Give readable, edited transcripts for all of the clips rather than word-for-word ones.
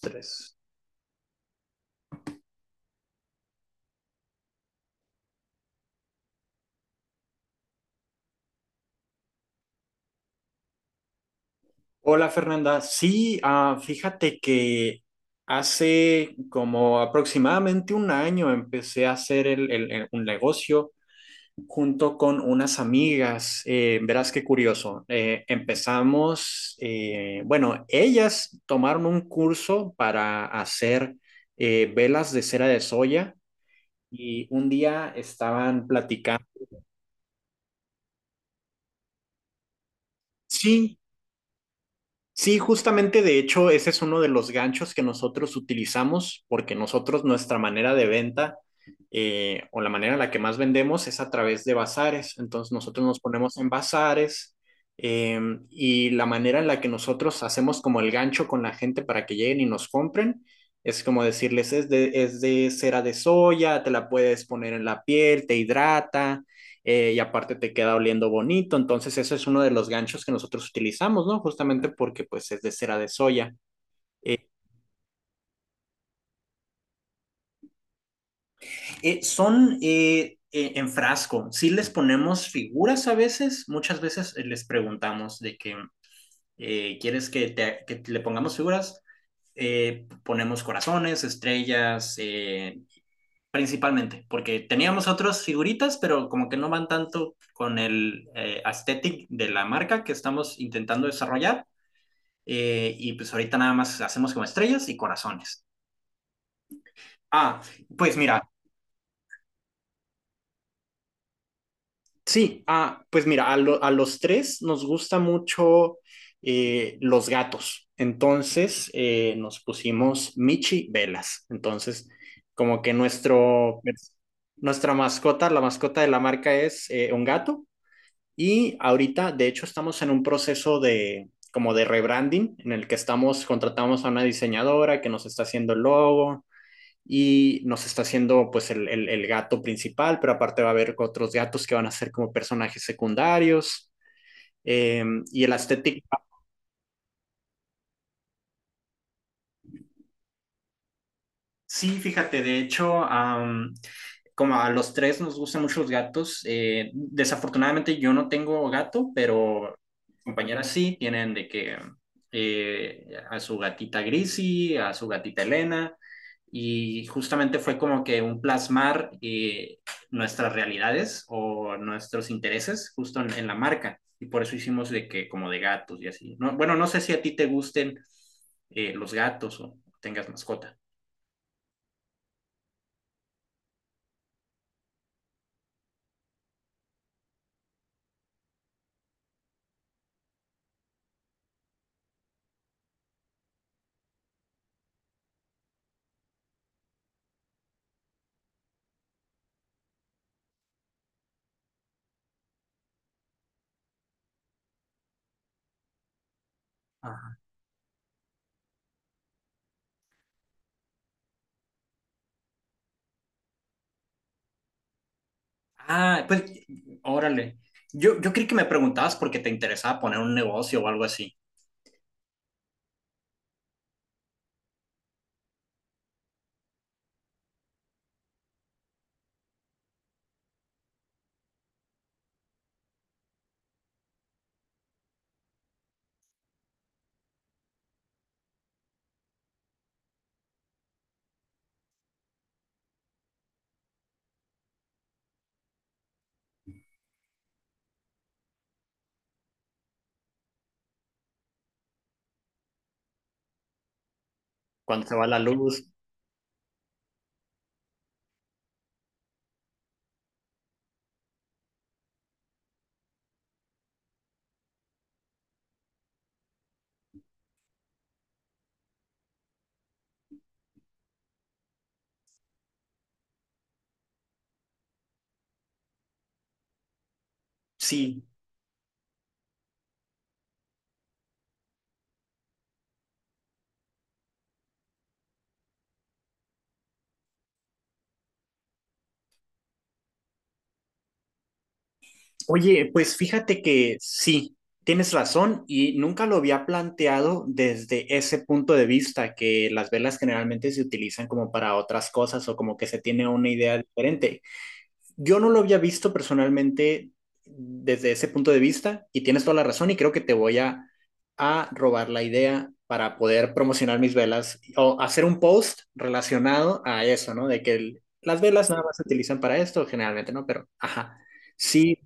Tres. Hola Fernanda, sí, fíjate que hace como aproximadamente un año empecé a hacer un negocio junto con unas amigas. Verás qué curioso. Empezamos, bueno, ellas tomaron un curso para hacer velas de cera de soya y un día estaban platicando. Sí. Sí, justamente de hecho ese es uno de los ganchos que nosotros utilizamos porque nosotros nuestra manera de venta o la manera en la que más vendemos es a través de bazares. Entonces nosotros nos ponemos en bazares, eh, y la manera en la que nosotros hacemos como el gancho con la gente para que lleguen y nos compren es como decirles es de cera de soya, te la puedes poner en la piel, te hidrata, y aparte te queda oliendo bonito. Entonces, eso es uno de los ganchos que nosotros utilizamos, ¿no? Justamente porque pues es de cera de soya. Eh, Son en frasco, sí les ponemos figuras a veces, muchas veces les preguntamos de que ¿quieres que le pongamos figuras? Ponemos corazones, estrellas, principalmente, porque teníamos otras figuritas, pero como que no van tanto con el aesthetic de la marca que estamos intentando desarrollar. Y pues ahorita nada más hacemos como estrellas y corazones. Ah, Pues mira, sí, pues mira, a los tres nos gusta mucho, los gatos. Entonces nos pusimos Michi Velas. Entonces, como que nuestro, nuestra mascota, la mascota de la marca es un gato. Y ahorita, de hecho, estamos en un proceso de como de rebranding en el que estamos, contratamos a una diseñadora que nos está haciendo el logo, y nos está haciendo pues el gato principal, pero aparte va a haber otros gatos que van a ser como personajes secundarios. Eh, y el aesthetic. Sí, fíjate, de hecho, como a los tres nos gustan mucho los gatos. Desafortunadamente yo no tengo gato, pero compañeras sí tienen de que a su gatita Grisi, a su gatita Elena, y justamente fue como que un plasmar, nuestras realidades o nuestros intereses justo en la marca. Y por eso hicimos de que como de gatos y así. No, bueno, no sé si a ti te gusten, los gatos o tengas mascota. Ah, pues, órale. Yo creí que me preguntabas porque te interesaba poner un negocio o algo así. Cuando se va la luz. Sí. Oye, pues fíjate que sí, tienes razón y nunca lo había planteado desde ese punto de vista, que las velas generalmente se utilizan como para otras cosas o como que se tiene una idea diferente. Yo no lo había visto personalmente desde ese punto de vista y tienes toda la razón y creo que a robar la idea para poder promocionar mis velas o hacer un post relacionado a eso, ¿no? De que las velas nada más se utilizan para esto generalmente, ¿no? Pero, ajá, sí,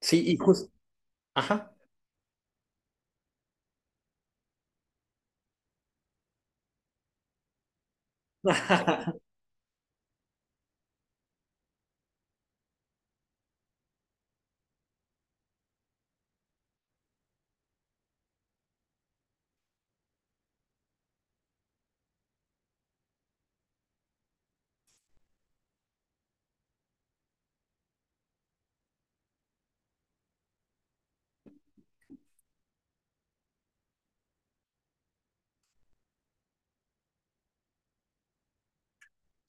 sí, y justo, ajá.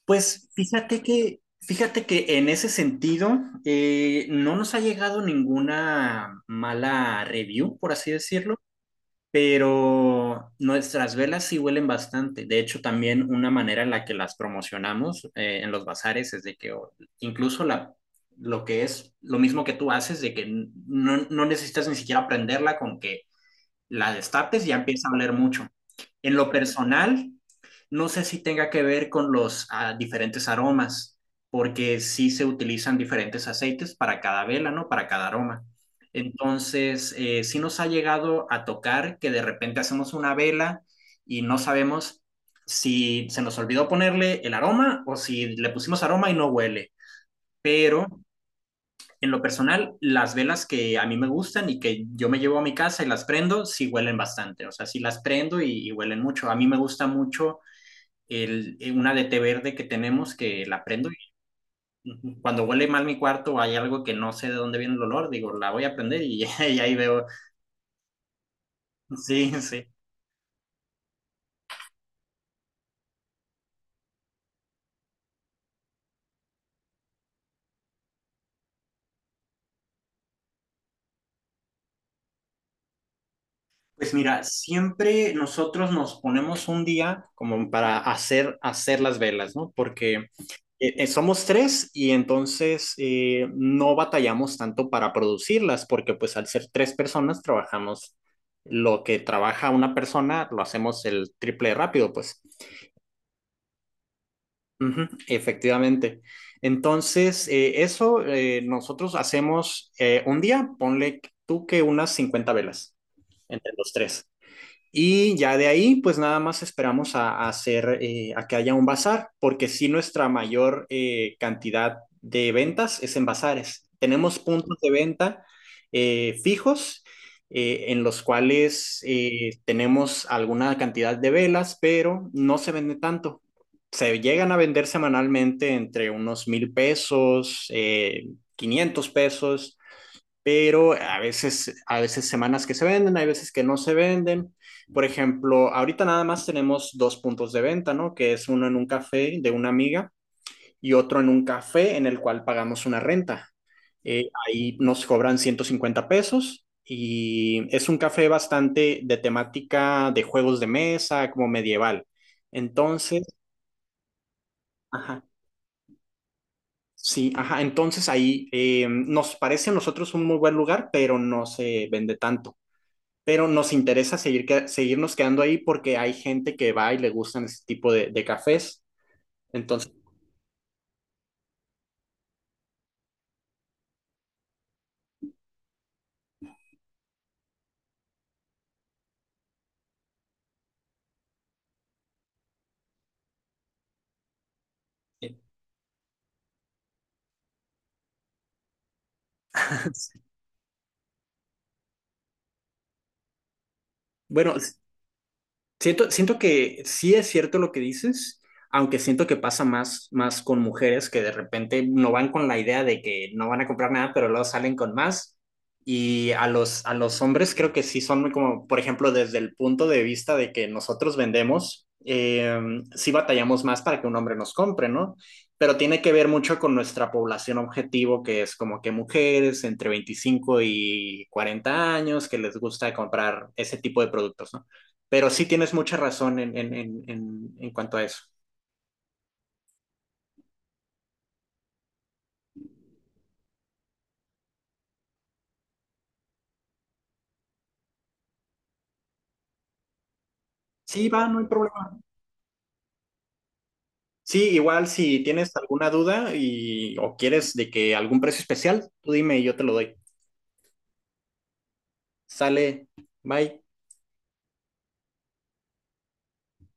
Fíjate que en ese sentido, no nos ha llegado ninguna mala review, por así decirlo. Pero nuestras velas sí huelen bastante. De hecho, también una manera en la que las promocionamos, en los bazares es de que incluso lo que es lo mismo que tú haces, de que no necesitas ni siquiera prenderla, con que la destapes ya empieza a oler mucho. En lo personal, no sé si tenga que ver con los, diferentes aromas, porque sí se utilizan diferentes aceites para cada vela, ¿no? Para cada aroma. Entonces, sí nos ha llegado a tocar que de repente hacemos una vela y no sabemos si se nos olvidó ponerle el aroma o si le pusimos aroma y no huele. Pero en lo personal, las velas que a mí me gustan y que yo me llevo a mi casa y las prendo, sí huelen bastante. O sea, sí las prendo y huelen mucho. A mí me gusta mucho el, una de té verde que tenemos que la prendo. Y cuando huele mal mi cuarto o hay algo que no sé de dónde viene el olor, digo, la voy a prender y, y ahí veo. Sí, sí. Pues mira, siempre nosotros nos ponemos un día como para hacer las velas, ¿no? Porque somos tres y entonces, no batallamos tanto para producirlas porque pues al ser tres personas trabajamos lo que trabaja una persona lo hacemos el triple de rápido pues. Ujú, efectivamente. Entonces eso, nosotros hacemos, un día, ponle tú que unas 50 velas entre los tres. Y ya de ahí, pues nada más esperamos a hacer, a que haya un bazar, porque sí nuestra mayor, cantidad de ventas es en bazares. Tenemos puntos de venta, fijos, en los cuales, tenemos alguna cantidad de velas, pero no se vende tanto. Se llegan a vender semanalmente entre unos 1,000 pesos, 500 pesos, pero a veces semanas que se venden, hay veces que no se venden. Por ejemplo, ahorita nada más tenemos dos puntos de venta, ¿no? Que es uno en un café de una amiga y otro en un café en el cual pagamos una renta. Ahí nos cobran 150 pesos y es un café bastante de temática de juegos de mesa, como medieval. Entonces, ajá, sí, ajá, entonces ahí, nos parece a nosotros un muy buen lugar, pero no se vende tanto. Pero nos interesa seguirnos quedando ahí porque hay gente que va y le gustan ese tipo de cafés. Entonces, bueno, siento que sí es cierto lo que dices, aunque siento que pasa más, más con mujeres que de repente no van con la idea de que no van a comprar nada, pero luego salen con más. Y a los hombres creo que sí son muy como, por ejemplo, desde el punto de vista de que nosotros vendemos, sí batallamos más para que un hombre nos compre, ¿no? Pero tiene que ver mucho con nuestra población objetivo, que es como que mujeres entre 25 y 40 años que les gusta comprar ese tipo de productos, ¿no? Pero sí tienes mucha razón en, en cuanto a eso. Sí, va, no hay problema. Sí, igual si tienes alguna duda y o quieres de que algún precio especial, tú dime y yo te lo doy. Sale, bye.